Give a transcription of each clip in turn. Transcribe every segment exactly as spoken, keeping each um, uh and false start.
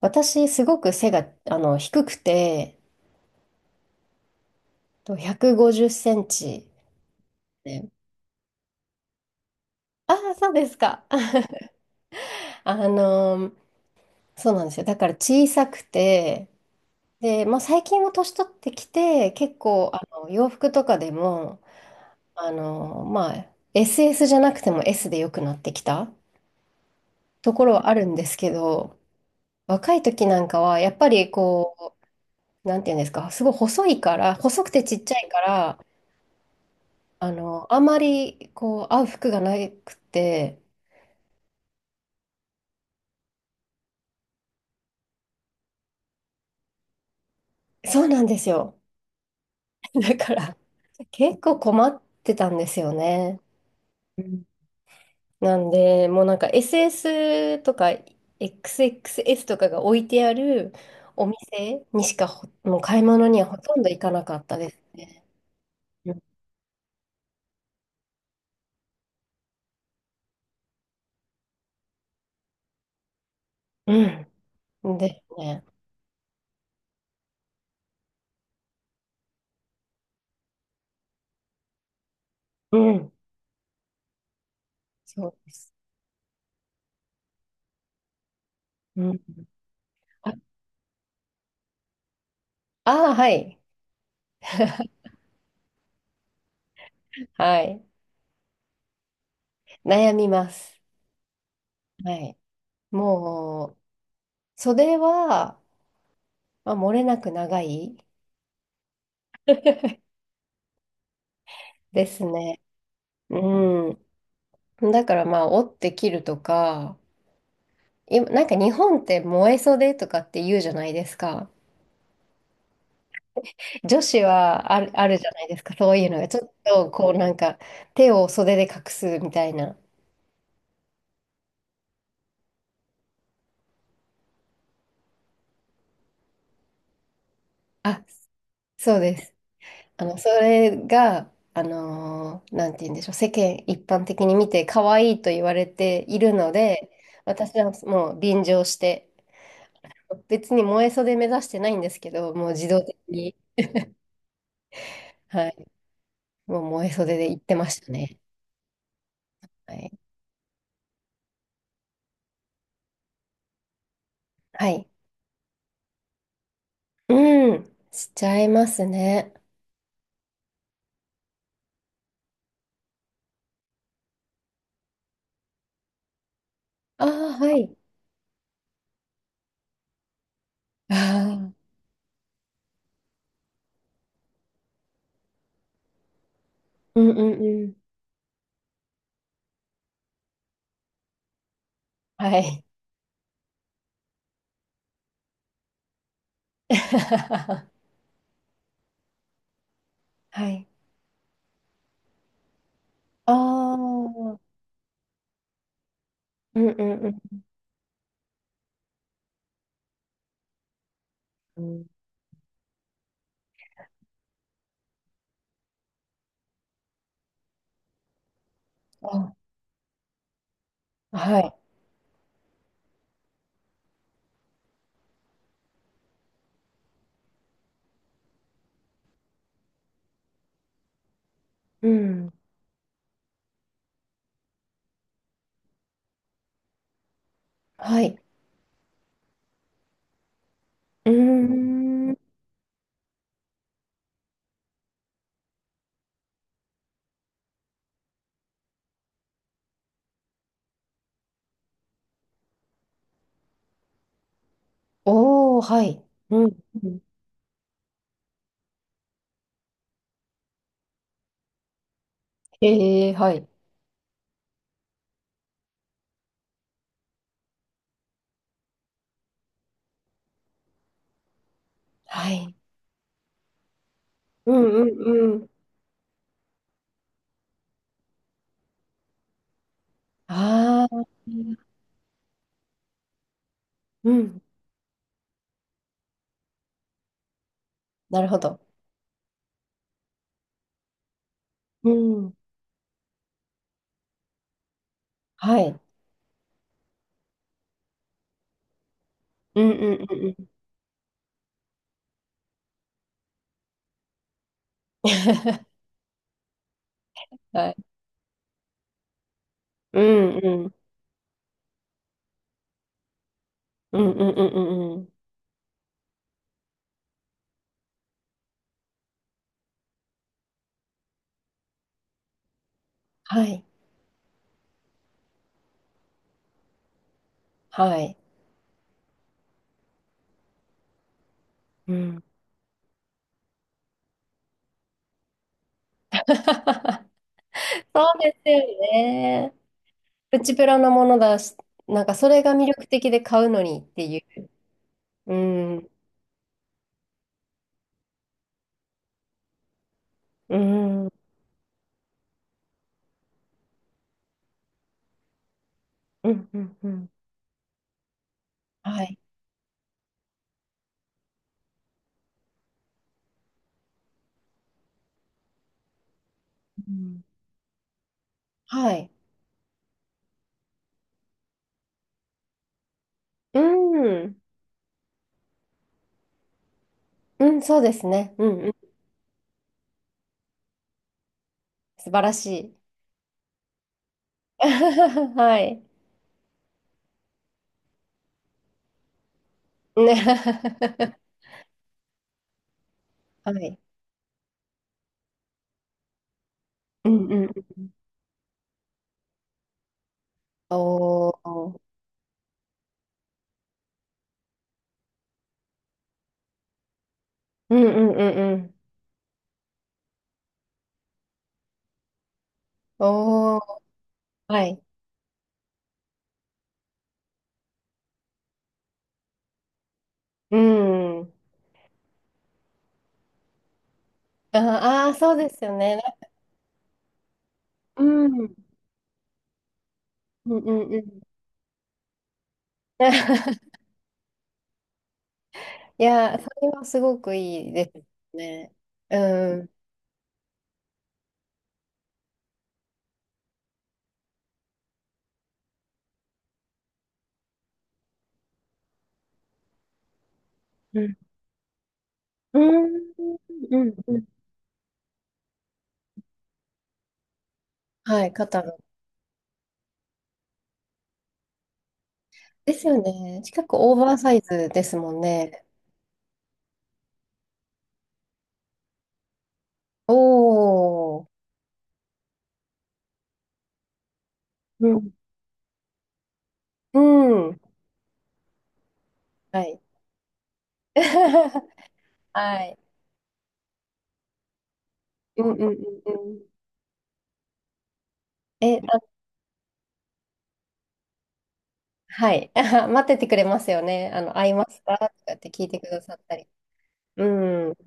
私、すごく背が、あの、低くて、とひゃくごじゅっセンチで。ああ、そうですか。あのーそうなんですよ。だから小さくて、で、まあ、最近も年取ってきて、結構、あの、洋服とかでも、あのーまあ、エスエス じゃなくても S で良くなってきたところはあるんですけど、若い時なんかは、やっぱりこう、なんていうんですか、すごい細いから、細くてちっちゃいから、あの、あまりこう合う服がなくて、そうなんですよ。だから結構困ってたんですよね。うん。なんで、もうなんか エスエス とか エックスエックスエス とかが置いてあるお店にしか、ほ、もう買い物にはほとんど行かなかったですね。うんうん。ですね。うん。そうです。うん。あ、あー、はい。はい。悩みます。はい。もう、袖は、まあ、漏れなく長い ですね。うん。だからまあ、折って切るとか、今、なんか日本って燃え袖とかって言うじゃないですか。女子はある、あるじゃないですか。そういうのが。ちょっとこうなんか手を袖で隠すみたいな。あ、そうです。あの、それが、あのーなんて言うんでしょう。世間一般的に見て可愛いと言われているので、私はもう便乗して、別に萌え袖目指してないんですけど、もう自動的に、はい、もう萌え袖で行ってましたね。はい。はい。うん、しちゃいますね。ああ、はい。ああ、うんうんうん。はい。はい。ああ、うんうんうん。あ、はい。うん。はい。うーん。おお、はい。うん。ええ、はい。はい。うんうんうん。ああ、うん。なるほど。うん。はい。うんうんうんうん。はい。うんうんうんうんうんうんうん。はい。はい。うん。そうですよね。プチプラなものだし、なんかそれが魅力的で買うのにっていう。うん。うん。うんうんうん。はい。うん。はい。うん。うん、そうですね。うんうん。素晴らしい。はい。ね。はい。うんうんうん。おお。うんうんうんうん。おー、はい。うん。ああー、そうですよね。うん。うんうんうん。いや、それはすごくいいですね。うん。うん。うんうんうん。はい、肩の。ですよね。近くオーバーサイズですもんね。おー。うん。うん。はい。はい。うんうんうんうん。え、はい。待っててくれますよね。あの、会いますかとかって聞いてくださったり。うん。う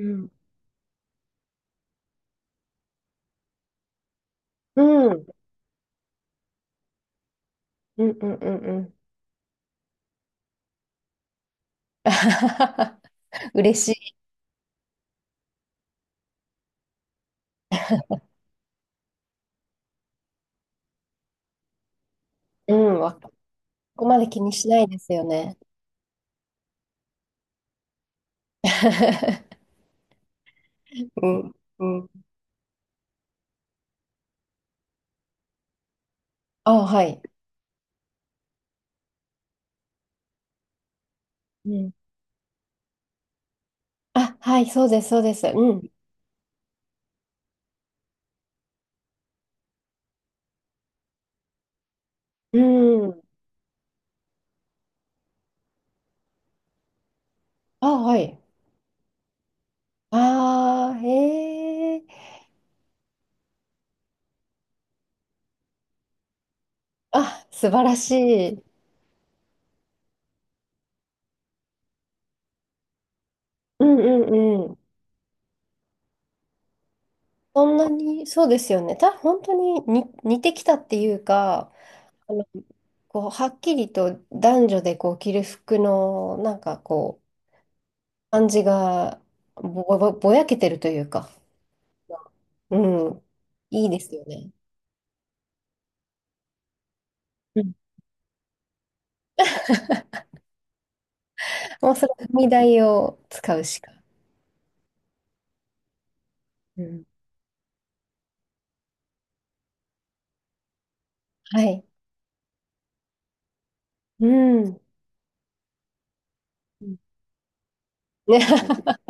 ん。うんうんうんうんうん。嬉しい。うん。わ、ここまで気にしないですよね。うん。うん。あ、はい。うん。あ、はい、そうです、そうです。うん。うん。あ、はい。ああ、へえ。あ、素晴らしい。うんうんうん。そんなに、そうですよね。た、本当にに似てきたっていうか、あの、こう、はっきりと男女でこう着る服の、なんかこう、感じがぼ、ぼ、ぼやけてるというか、うん、いいですよね。うん。もうその踏み台を使うしか。うん。はい。うん。ね、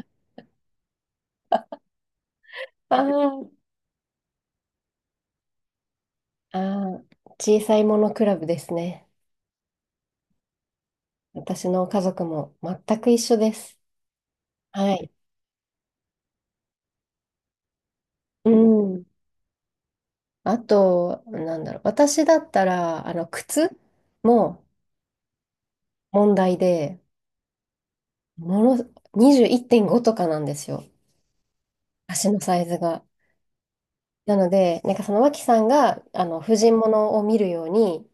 あー、あー、小さいものクラブですね。私の家族も全く一緒です。はい。うん。あと、なんだろう。私だったら、あの、靴も問題で、もの、にじゅういってんごとかなんですよ。足のサイズが。なので、なんかその脇さんが、あの、婦人物を見るように、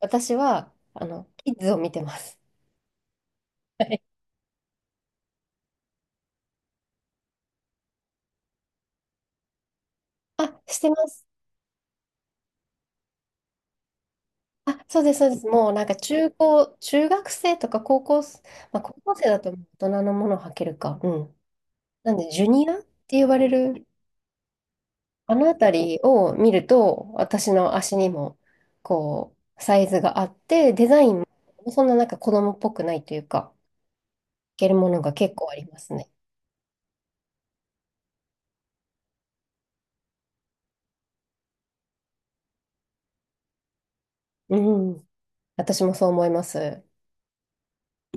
私は、あの、キッズを見てます。はい。あ、してます。あ、そうです、そうです。もうなんか中高、中学生とか高校生、まあ高校生だと大人のものを履けるか。うん。なんで、ジュニアって呼ばれる、あのあたりを見ると、私の足にも、こう、サイズがあって、デザインもそんななんか子供っぽくないというか、けるものが結構ありますね。うん。私もそう思います。